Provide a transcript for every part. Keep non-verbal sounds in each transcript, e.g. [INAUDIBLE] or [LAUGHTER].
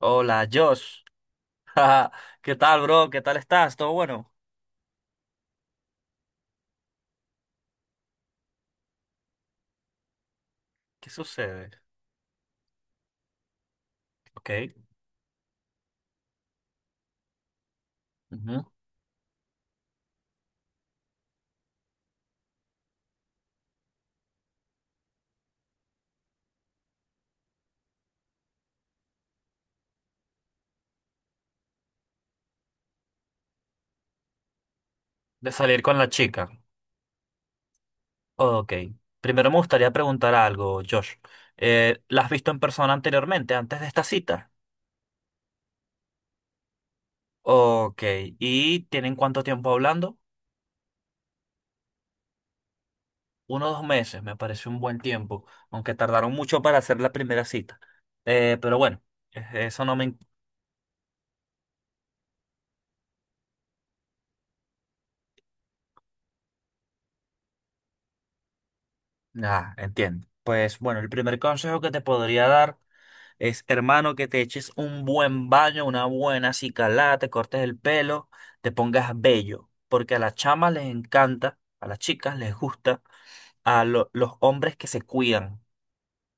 Hola, Josh. [LAUGHS] ¿Qué tal, bro? ¿Qué tal estás? ¿Todo bueno? ¿Qué sucede? Ok. Ujú. De salir con la chica. Ok. Primero me gustaría preguntar algo, Josh. ¿La has visto en persona anteriormente, antes de esta cita? Ok. ¿Y tienen cuánto tiempo hablando? Uno o dos meses, me parece un buen tiempo, aunque tardaron mucho para hacer la primera cita. Pero bueno, eso no me... Ah, entiendo. Pues bueno, el primer consejo que te podría dar es, hermano, que te eches un buen baño, una buena acicalada, te cortes el pelo, te pongas bello. Porque a las chamas les encanta, a las chicas les gusta, a los hombres que se cuidan.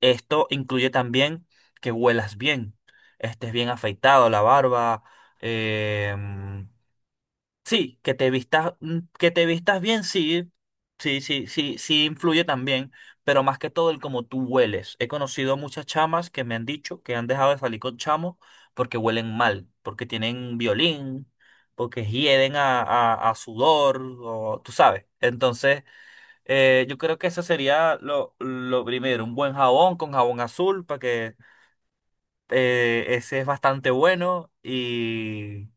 Esto incluye también que huelas bien, estés bien afeitado, la barba, eh, sí, que te vistas, que te vistas bien, sí, influye también, pero más que todo el cómo tú hueles. He conocido muchas chamas que me han dicho que han dejado de salir con chamos porque huelen mal, porque tienen violín, porque hieden a sudor, o tú sabes. Entonces, yo creo que eso sería lo primero, un buen jabón con jabón azul para que ese es bastante bueno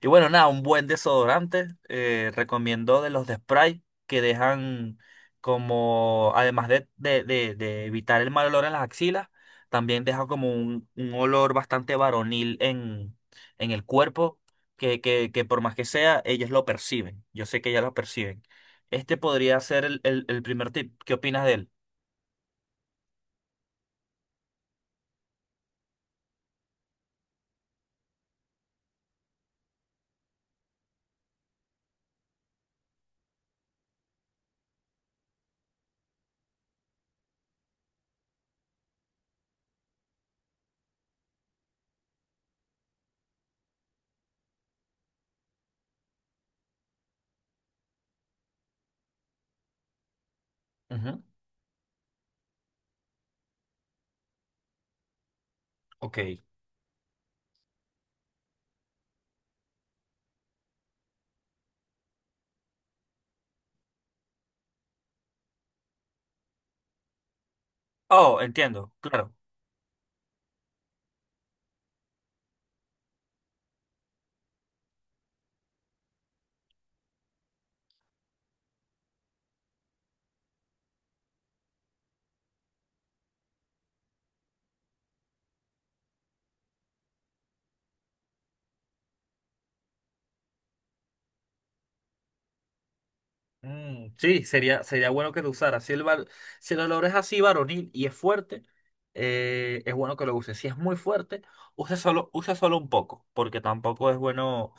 y bueno, nada, un buen desodorante. Recomiendo de los de spray que dejan como, además de evitar el mal olor en las axilas, también deja como un olor bastante varonil en el cuerpo, que por más que sea, ellas lo perciben. Yo sé que ellas lo perciben. Este podría ser el primer tip. ¿Qué opinas de él? Ujú. Ok. Oh, entiendo, claro. Mm, sí, sería bueno que lo usara. Si el olor es así varonil y es fuerte, es bueno que lo use. Si es muy fuerte, usa solo un poco, porque tampoco es bueno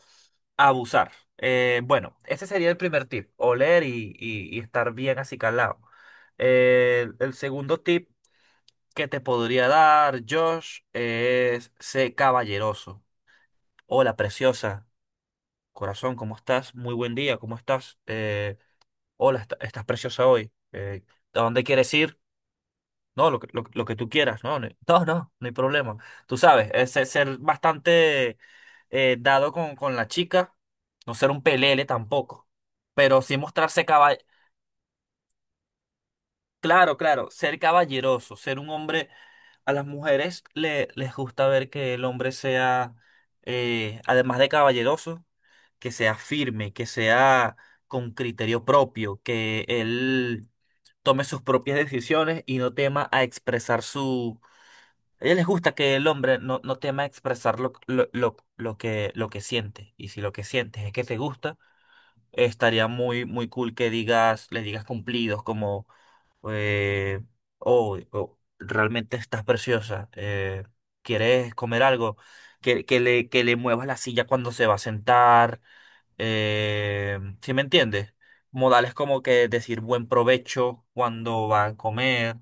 abusar. Bueno, ese sería el primer tip, oler y estar bien acicalado. El segundo tip que te podría dar, Josh, es sé caballeroso. Hola, preciosa. Corazón, ¿cómo estás? Muy buen día, ¿cómo estás? Hola, estás preciosa hoy. Eh, ¿a dónde quieres ir? No, lo que tú quieras. No hay problema. Tú sabes, es ser bastante dado con la chica, no ser un pelele tampoco, pero sí mostrarse cabal. Claro, claro, ser caballeroso, ser un hombre... A las mujeres les gusta ver que el hombre sea, además de caballeroso, que sea firme, que sea con criterio propio, que él tome sus propias decisiones y no tema a expresar su... A ella les gusta que el hombre no tema a expresar lo que siente. Y si lo que sientes es que te gusta, estaría muy cool que digas, le digas cumplidos como, eh, oh, realmente estás preciosa. Eh, ¿quieres comer algo? Que le muevas la silla cuando se va a sentar. ¿Sí me entiendes? Modales como que decir buen provecho cuando va a comer,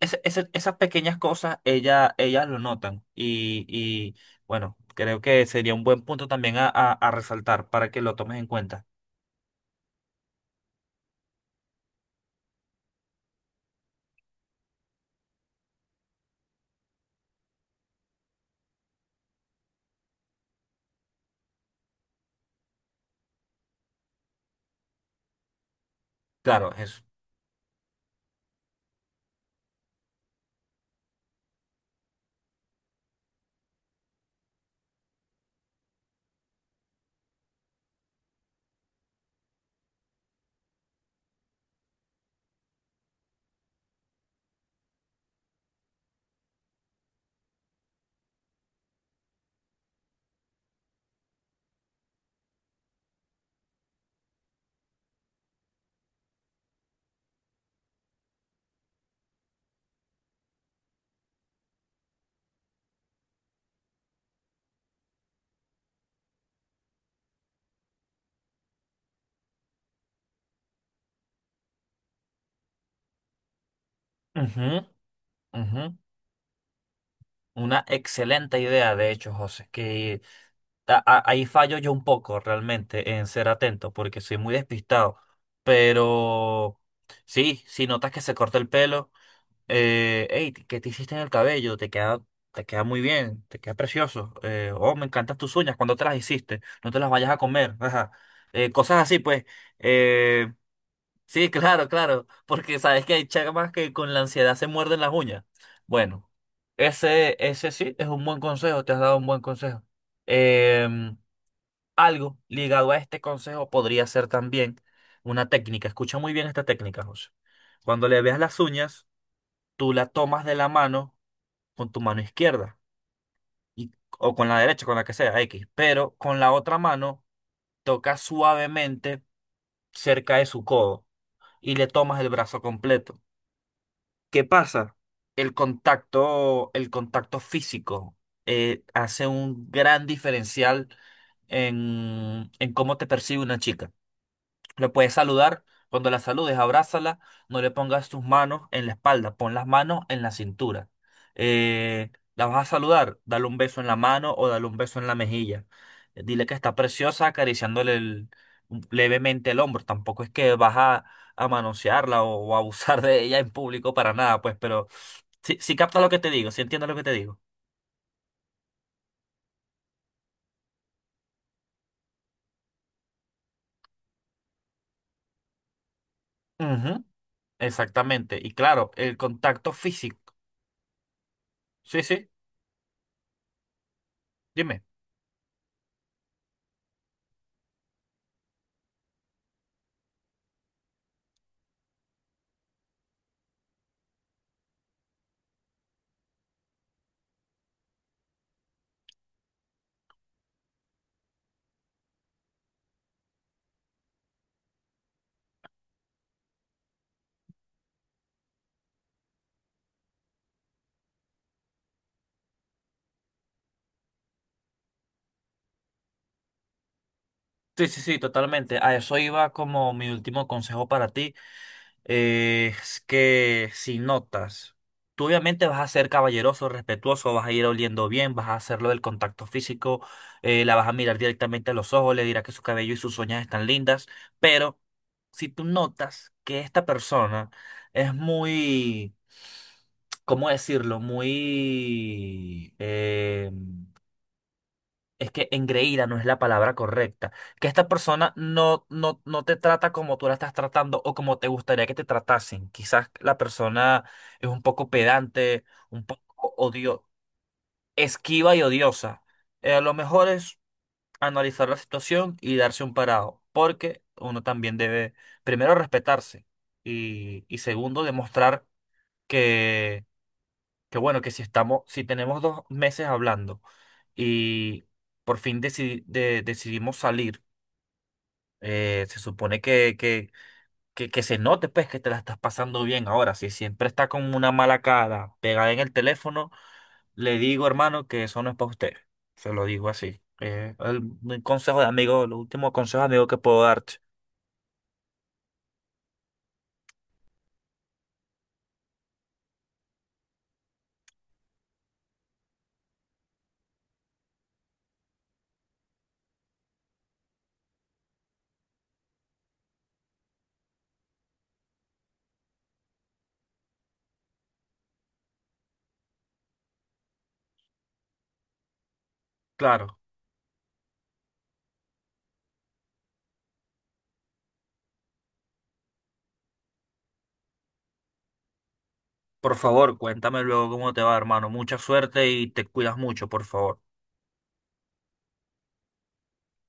esas pequeñas cosas ellas lo notan y bueno, creo que sería un buen punto también a, a resaltar para que lo tomes en cuenta. Claro, Jesús. Ujú, ujú. Una excelente idea, de hecho, José, que ahí fallo yo un poco realmente en ser atento porque soy muy despistado, pero sí, si notas que se corta el pelo. Hey, ¿qué te hiciste en el cabello? Te queda muy bien, te queda precioso. Oh, me encantan tus uñas, cuando te las hiciste? No te las vayas a comer. Ajá. Cosas así, pues. Eh, sí, [LAUGHS] claro, claro. Porque sabes que hay chamas que con la ansiedad se muerden las uñas. Bueno, ese sí es un buen consejo, te has dado un buen consejo. Em, Algo ligado a este consejo podría ser también una técnica. Escucha muy bien esta técnica, José. Cuando le veas las uñas tú la tomas de la mano con tu mano izquierda y, o con la derecha, con la que sea, X, pero con la otra mano tocas suavemente cerca de su codo y le tomas el brazo completo. ¿Qué pasa? El contacto físico hace un gran diferencial en cómo te percibe una chica. Le puedes saludar, cuando la saludes, abrázala, no le pongas tus manos en la espalda, pon las manos en la cintura. La vas a saludar, dale un beso en la mano o dale un beso en la mejilla. Dile que está preciosa acariciándole levemente el hombro. Tampoco es que vas a manosearla o abusar de ella en público para nada, pues, pero si capta lo que te digo, si entiendes lo que te digo. Ujú, exactamente. Y claro, el contacto físico. Sí, sí, dime. Sí, sí, sí, totalmente. A eso iba como mi último consejo para ti, es que si notas, tú obviamente vas a ser caballeroso, respetuoso, vas a ir oliendo bien, vas a hacerlo del contacto físico, la vas a mirar directamente a los ojos, le dirás que su cabello y sus uñas están lindas, pero si tú notas que esta persona es muy, ¿cómo decirlo? Muy... es que engreída no es la palabra correcta, que esta persona no te trata como tú la estás tratando o como te gustaría que te tratasen. Quizás la persona es un poco pedante, un poco odio, esquiva y odiosa. Lo mejor es analizar la situación y darse un parado, porque uno también debe, primero, respetarse y segundo, demostrar que que bueno, que si estamos, si tenemos 2 meses hablando y por fin decidimos salir, se supone que se note pues que te la estás pasando bien ahora. Si siempre está con una mala cara pegada en el teléfono, le digo, hermano, que eso no es para usted. Se lo digo así. El consejo de amigo, el último consejo de amigo que puedo darte. Claro. Por favor, cuéntame luego cómo te va, hermano. Mucha suerte y te cuidas mucho, por favor.